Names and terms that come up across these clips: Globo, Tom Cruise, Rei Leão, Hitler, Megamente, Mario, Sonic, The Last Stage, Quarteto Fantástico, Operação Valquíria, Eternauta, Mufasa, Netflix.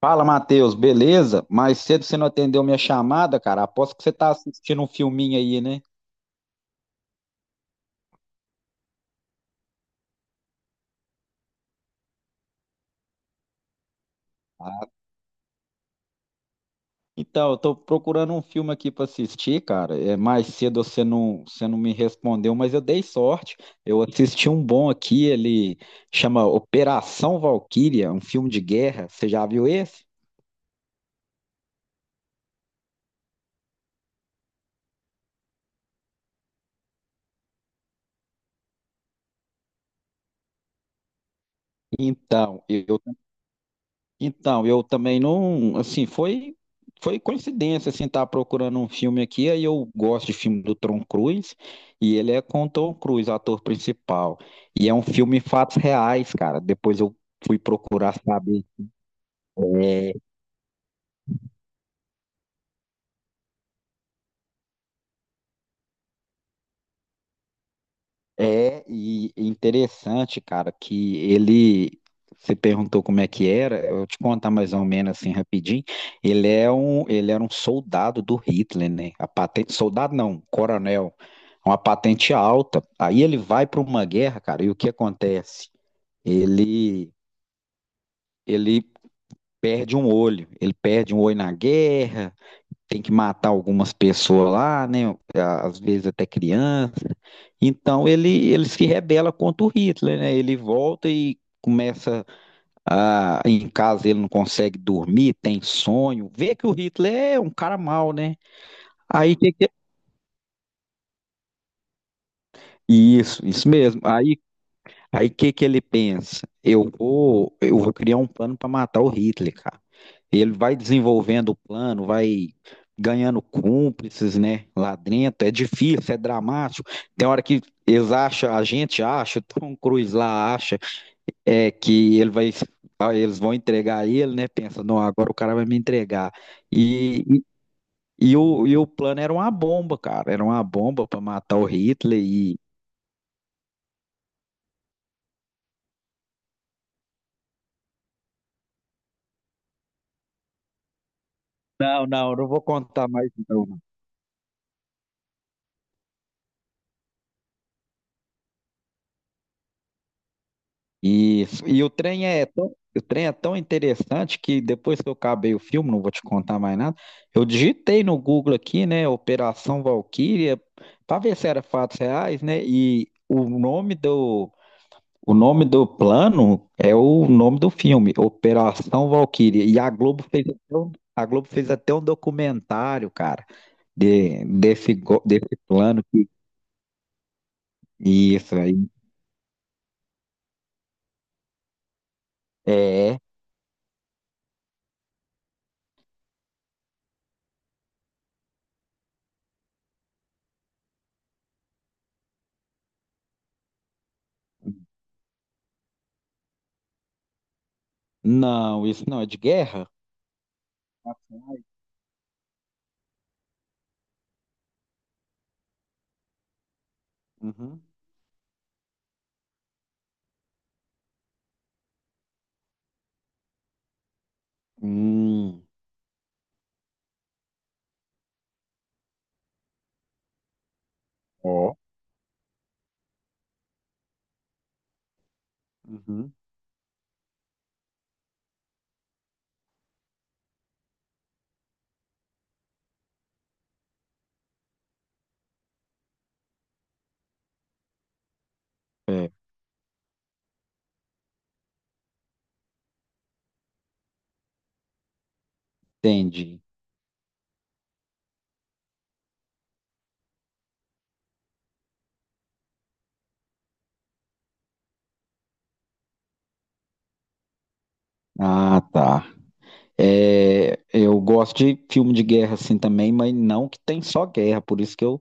Fala, Matheus, beleza? Mais cedo você não atendeu minha chamada, cara. Aposto que você tá assistindo um filminho aí, né? Então, eu tô procurando um filme aqui pra assistir, cara. É, mais cedo você não me respondeu, mas eu dei sorte. Eu assisti um bom aqui, ele chama Operação Valquíria, um filme de guerra. Você já viu esse? Então, eu Então, eu também não, assim, foi coincidência, assim, estar procurando um filme aqui, aí eu gosto de filme do Tom Cruise, e ele é com o Tom Cruise, ator principal, e é um filme fatos reais, cara, depois eu fui procurar saber, é. É, e interessante, cara, que ele. Você perguntou como é que era, eu vou te contar mais ou menos assim rapidinho. Ele é um, ele era um soldado do Hitler, né? A patente, soldado não, coronel, uma patente alta. Aí ele vai para uma guerra, cara, e o que acontece? Ele, ele ele perde um olho na guerra, tem que matar algumas pessoas lá, né? Às vezes até criança. Então ele se rebela contra o Hitler, né? Ele volta e começa a, em casa ele não consegue dormir, tem sonho, vê que o Hitler é um cara mau, né? Aí é? Isso mesmo. Aí o que que ele pensa? Eu vou criar um plano para matar o Hitler, cara. Ele vai desenvolvendo o plano, vai ganhando cúmplices, né, lá dentro. É difícil, é dramático. Tem hora que eles acham, a gente acha, o Tom Cruise lá acha, é que ele vai, ah, eles vão entregar ele, né? Pensa, não, agora o cara vai me entregar. E, e, e o plano era uma bomba, cara. Era uma bomba para matar o Hitler e... Não, não, não vou contar mais não. E o trem é tão, o trem é tão interessante que depois que eu acabei o filme, não vou te contar mais nada, eu digitei no Google aqui, né, Operação Valquíria, para ver se era fatos reais, né? E o nome do plano é o nome do filme, Operação Valquíria. E a Globo fez até um documentário, cara, desse plano que isso aí é, não, isso não é de guerra. Uhum. Hum. Ó, uhum. É, entendi. Ah, tá. É, eu gosto de filme de guerra assim também, mas não que tem só guerra, por isso que eu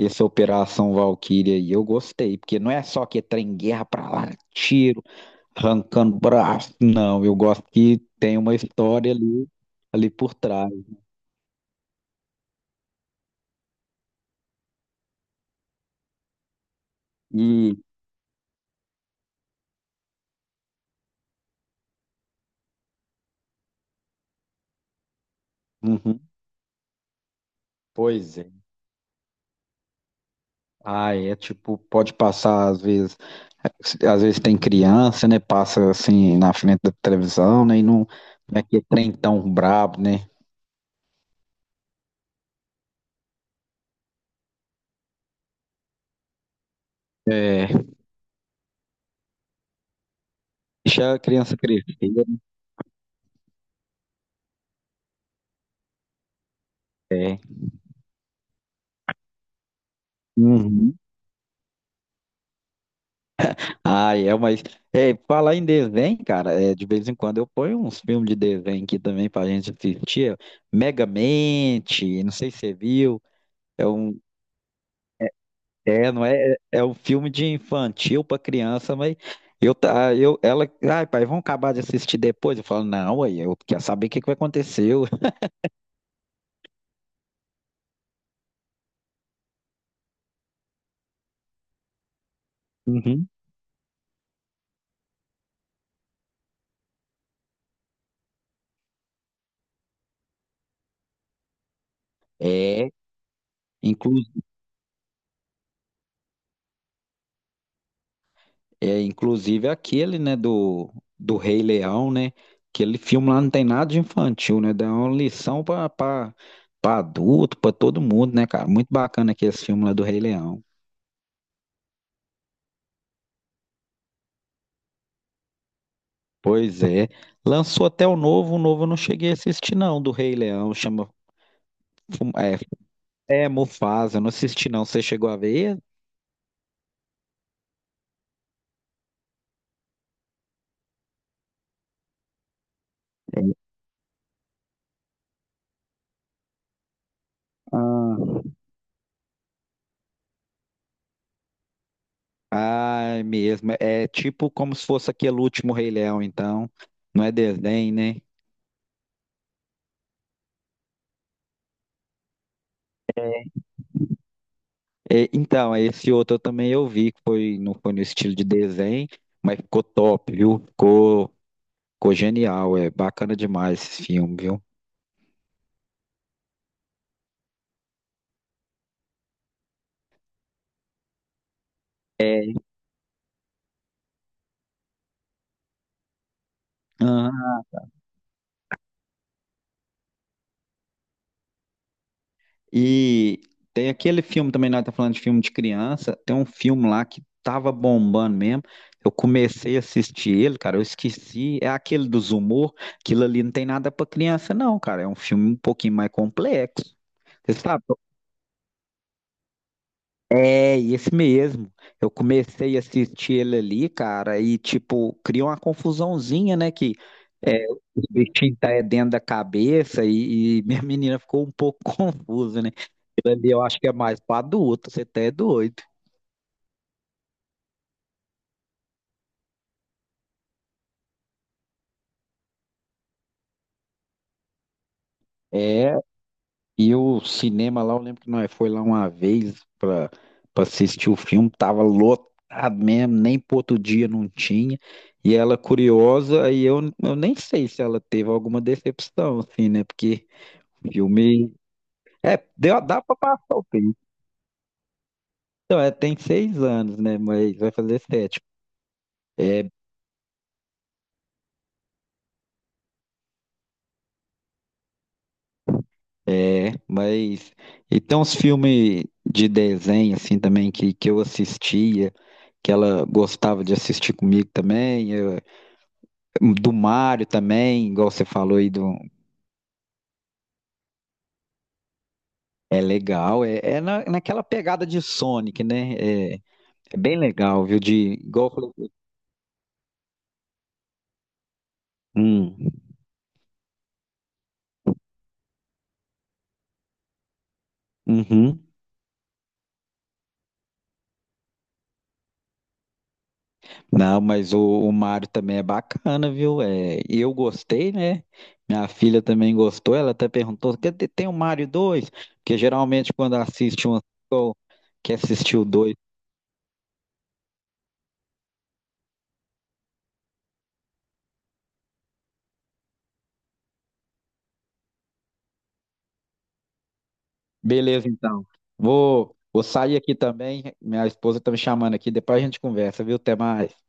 essa Operação Valkyria aí eu gostei, porque não é só que é trem guerra pra lá, tiro, arrancando braço, não, eu gosto que tem uma história ali por trás. E uhum, pois é. Ah, é tipo, pode passar às vezes tem criança, né? Passa assim na frente da televisão, né? E não, não é aquele trem tão brabo, né? É, deixa a criança crescer. Uhum. Ah, é, mas é, falar em desenho, cara, é, de vez em quando eu ponho uns filmes de desenho aqui também pra gente assistir. Megamente, não sei se você viu, é um. É, não é, é um filme de infantil pra criança, mas eu, ela, ai, pai, vamos acabar de assistir depois. Eu falo, não, aí eu quero saber o que que vai acontecer. Uhum. É, inclu, inclusive aquele, né, do Rei Leão, né? Aquele filme lá não tem nada de infantil, né? Dá uma lição pra adulto, pra todo mundo, né, cara? Muito bacana aqui esse filme lá do Rei Leão. Pois é. Lançou até o novo eu não cheguei a assistir, não, do Rei Leão, chama Fu- é, Mufasa, eu não assisti não. Você chegou a ver? Ah. Ah, é mesmo. É tipo como se fosse aquele último Rei Leão, então. Não é desenho, né? É, então, esse outro eu também eu vi, que foi, não foi no estilo de desenho, mas ficou top, viu? Ficou genial, é bacana demais esse filme, viu? E tem aquele filme também, nós tá falando de filme de criança, tem um filme lá que tava bombando mesmo. Eu comecei a assistir ele, cara, eu esqueci. É aquele dos humor, aquilo ali não tem nada pra criança, não, cara. É um filme um pouquinho mais complexo. Você sabe? É, esse mesmo. Eu comecei a assistir ele ali, cara, e tipo, cria uma confusãozinha, né? Que é, os bichinhos tá é dentro da cabeça e minha menina ficou um pouco confusa, né? Ali eu acho que é mais pra adulto, você até é doido. É, e o cinema lá, eu lembro que nós foi lá uma vez pra assistir o filme, tava lotado mesmo, nem pro outro dia não tinha. E ela curiosa, e eu nem sei se ela teve alguma decepção, assim, né? Porque filme. É, deu, dá pra passar o tempo. Então, é, tem 6 anos, né? Mas vai fazer 7. É, mas e tem uns filmes de desenho assim também que eu assistia, que ela gostava de assistir comigo também, eu- do Mario também, igual você falou aí do. É legal, naquela pegada de Sonic, né? É, é bem legal, viu? De igual eu falei, hum. Uhum. Não, mas o Mario também é bacana, viu? É, eu gostei, né? Minha filha também gostou, ela até perguntou, "Quer dizer, tem o Mario 2, porque geralmente quando assiste um, ou quer assistir o 2." Beleza, então. Vou sair aqui também, minha esposa tá me chamando aqui, depois a gente conversa, viu? Até mais.